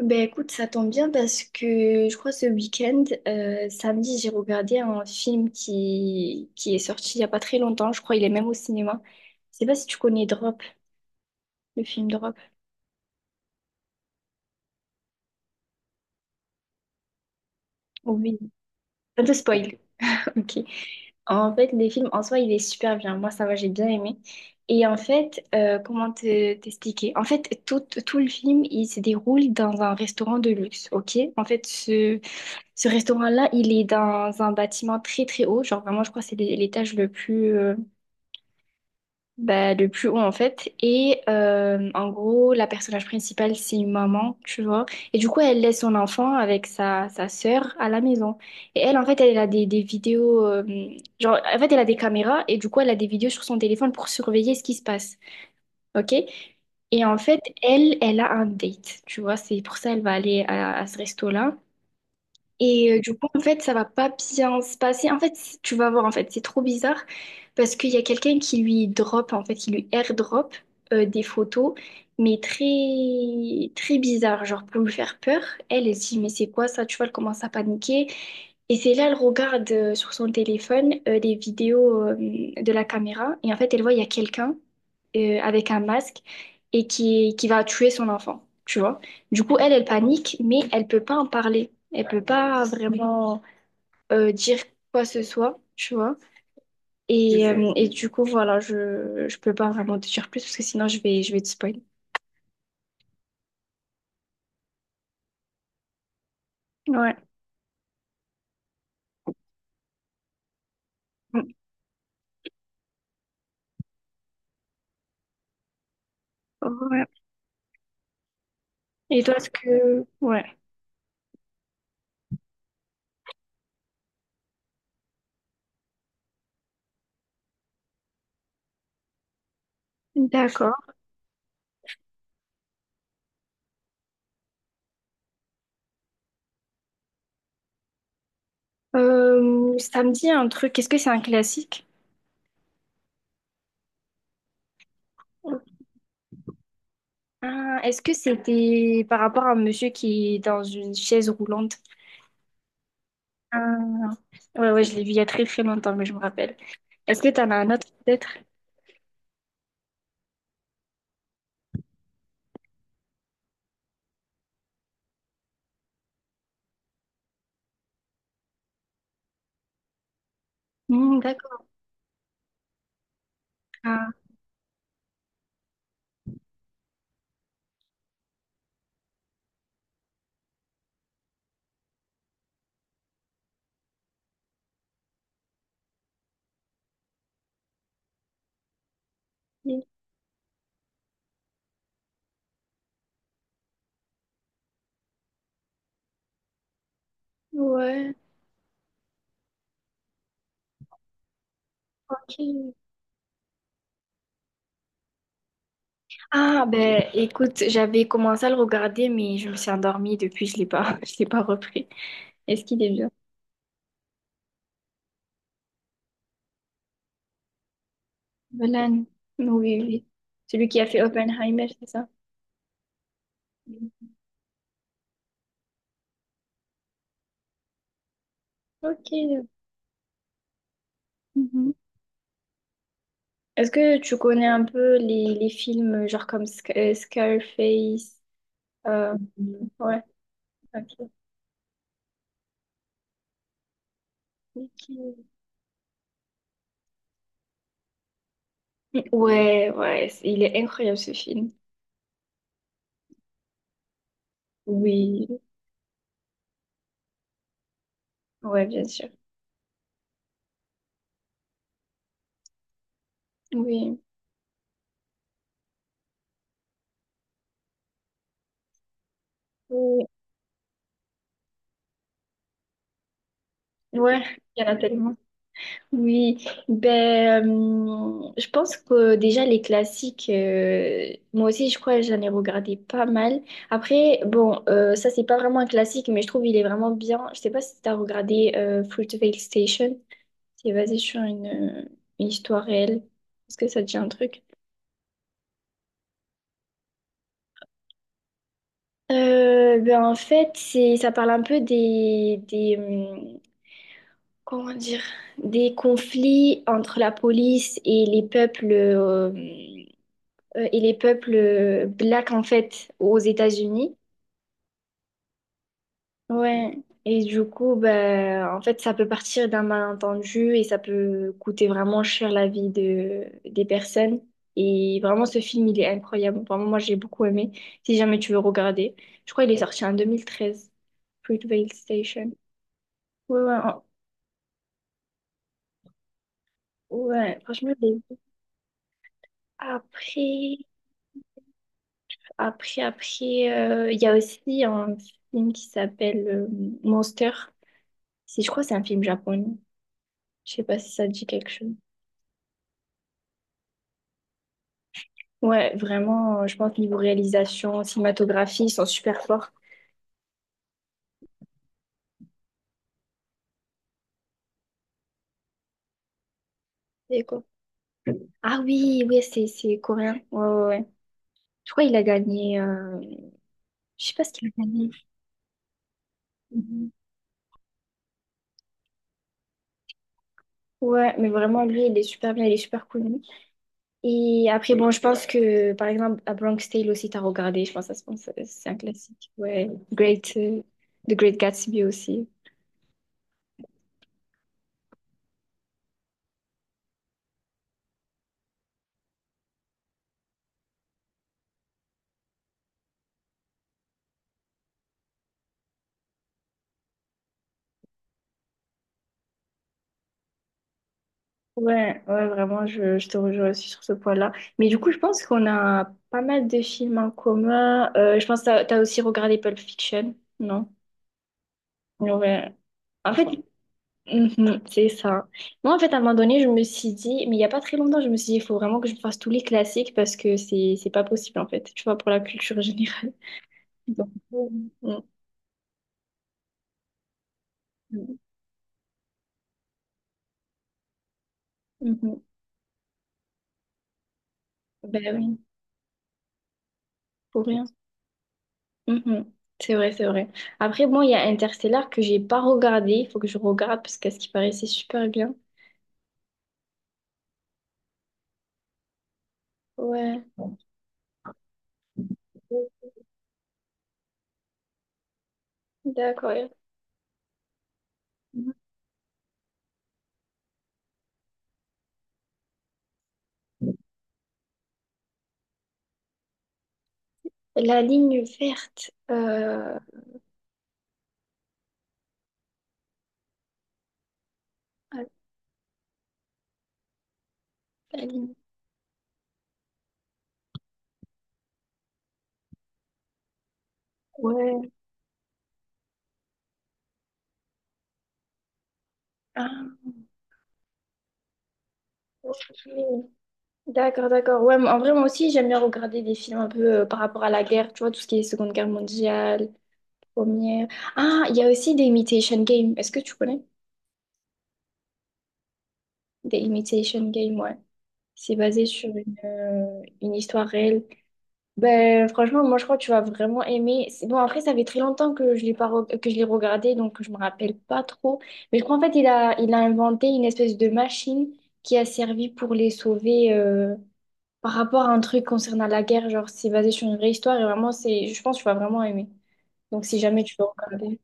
Ben écoute, ça tombe bien parce que je crois ce week-end, samedi, j'ai regardé un film qui est sorti il n'y a pas très longtemps. Je crois il est même au cinéma. Je sais pas si tu connais Drop, le film Drop. Oui. Un peu spoil. Ok. En fait, les films en soi, il est super bien. Moi, ça va, j'ai bien aimé. Et en fait, comment t'expliquer? En fait, tout le film, il se déroule dans un restaurant de luxe. Ok? En fait, ce Ce restaurant-là, il est dans un bâtiment très très haut, genre vraiment je crois que c'est l'étage le plus bah, le plus haut en fait. Et en gros, la personnage principale, c'est une maman, tu vois. Et du coup, elle laisse son enfant avec sa sœur à la maison. Et elle en fait, elle a des vidéos genre en fait, elle a des caméras et du coup, elle a des vidéos sur son téléphone pour surveiller ce qui se passe. OK? Et en fait, elle a un date, tu vois, c'est pour ça elle va aller à ce resto-là. Et du coup, en fait, ça va pas bien se passer. En fait, tu vas voir, en fait, c'est trop bizarre parce qu'il y a quelqu'un qui lui drop, en fait, qui lui airdrop des photos, mais très, très bizarre, genre pour lui faire peur. Elle se dit, mais c'est quoi ça? Tu vois, elle commence à paniquer. Et c'est là, elle regarde sur son téléphone les vidéos de la caméra et en fait, elle voit, il y a quelqu'un avec un masque et qui va tuer son enfant, tu vois. Du coup, elle panique, mais elle peut pas en parler. Elle peut pas vraiment dire quoi que ce soit, tu vois. Et du coup, voilà, je peux pas vraiment te dire plus parce que sinon, je vais te spoiler. Ouais. Ouais. Et toi, est-ce que... Ouais. D'accord. Ça me dit un truc. Est-ce que c'est un classique? Ah, est-ce que c'était par rapport à un monsieur qui est dans une chaise roulante? Ah, ouais, je l'ai vu il y a très très longtemps, mais je me rappelle. Est-ce que t'en as un autre peut-être? Hmm, d'accord. Ouais, ok. Ah, ben écoute, j'avais commencé à le regarder, mais je me suis endormie depuis, je l'ai pas, je l'ai pas repris. Est-ce qu'il est bien? Nolan. Oui, oui. Celui qui a fait Oppenheimer, c'est ça? Oui. Ok. Mhm. Est-ce que tu connais un peu les films, genre comme Scarface? Mhm. Ouais, ok. Ok. Il est incroyable ce film. Oui, ouais, bien sûr. Oui. Oui. Ouais, il y en a tellement. Oui, ben, je pense que déjà les classiques, moi aussi je crois que j'en ai regardé pas mal. Après, bon, ça c'est pas vraiment un classique, mais je trouve il est vraiment bien. Je sais pas si t'as regardé Fruitvale Station, c'est basé sur une histoire réelle. Est-ce que ça te dit un truc? Ben en fait, ça parle un peu comment dire, des conflits entre la police et les peuples. Et les peuples blacks en fait aux États-Unis. Ouais. Et du coup, bah, en fait, ça peut partir d'un malentendu et ça peut coûter vraiment cher la vie des personnes. Et vraiment, ce film, il est incroyable. Vraiment, moi, j'ai beaucoup aimé. Si jamais tu veux regarder, je crois qu'il est sorti en 2013, Fruitvale Station. Ouais, ouais, en- ouais, franchement, je l'ai vu. Après, après, il y a aussi un film qui s'appelle Monster. Si je crois que c'est un film japonais. Je sais pas si ça te dit quelque chose. Ouais, vraiment, je pense niveau réalisation, cinématographie, ils sont super forts. Et quoi? Ah oui, oui, c'est coréen. Ouais, ouais, ouais. Je crois qu'il a gagné. Je sais pas ce qu'il a gagné. Mhm. Ouais, mais vraiment, lui, il est super bien, il est super connu. Et après, bon, je pense que, par exemple, à Bronx Tale aussi, t'as regardé, je pense, ça ce pense c'est un classique. The Great Gatsby aussi. Ouais, ouais, vraiment, je te rejoins aussi sur ce point-là. Mais du coup, je pense qu'on a pas mal de films en commun. Je pense que t'as aussi regardé Pulp Fiction, non? Ouais. En fait, mhm, c'est ça. Moi, en fait, à un moment donné, je me suis dit, mais il y a pas très longtemps, je me suis dit, il faut vraiment que je fasse tous les classiques parce que c'est pas possible, en fait, tu vois, pour la culture générale. Donc, mhm, mhm. Mhm. Ben oui, pour rien. Mhm. C'est vrai, c'est vrai. Après, bon, il y a Interstellar que j'ai pas regardé. Il faut que je regarde parce qu'à ce qui paraît, c'est super bien. Ouais, d'accord. Mhm. La ligne verte. La ligne. Ouais. Ah, ok. D'accord, d'accord. Ouais, mais en vrai, moi aussi, j'aime bien regarder des films un peu par rapport à la guerre. Tu vois, tout ce qui est Seconde Guerre mondiale, Première. Ah, il y a aussi The Imitation Game. Est-ce que tu connais? The Imitation Game, ouais. C'est basé sur une histoire réelle. Ben, franchement, moi je crois que tu vas vraiment aimer. C'est- Bon, après, ça fait très longtemps que je l'ai pas re- que je l'ai regardé, donc je me rappelle pas trop. Mais je crois en fait, il a inventé une espèce de machine qui a servi pour les sauver par rapport à un truc concernant la guerre. Genre, c'est basé sur une vraie histoire et vraiment, c'est, je pense que tu vas vraiment aimer. Donc, si jamais tu veux regarder.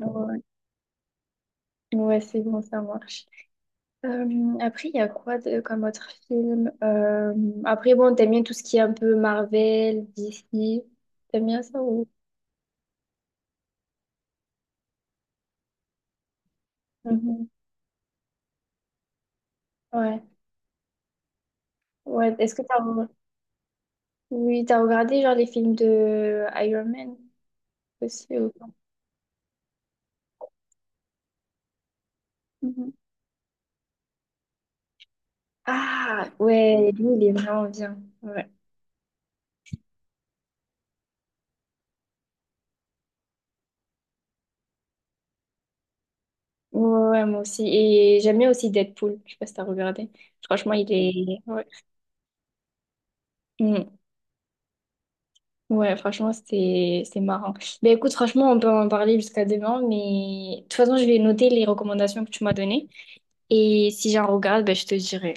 Ouais, ouais, c'est bon, ça marche. Après, il y a quoi comme autre film? Après, bon, t'aimes bien tout ce qui est un peu Marvel, DC. T'aimes bien ça ou... Mhm. Ouais. Ouais. Est-ce que t'as re- oui, t'as regardé genre les films de Iron Man aussi ou pas. Mhm. Ah ouais, lui il est vraiment bien. Ouais. Ouais, ouais, moi aussi. Et j'aime bien aussi Deadpool. Je sais pas si t'as regardé. Franchement, il est. Ouais, Mm. Ouais, franchement, c'était marrant. Mais écoute, franchement, on peut en parler jusqu'à demain, mais de toute façon, je vais noter les recommandations que tu m'as données. Et si j'en regarde, ben, je te dirai.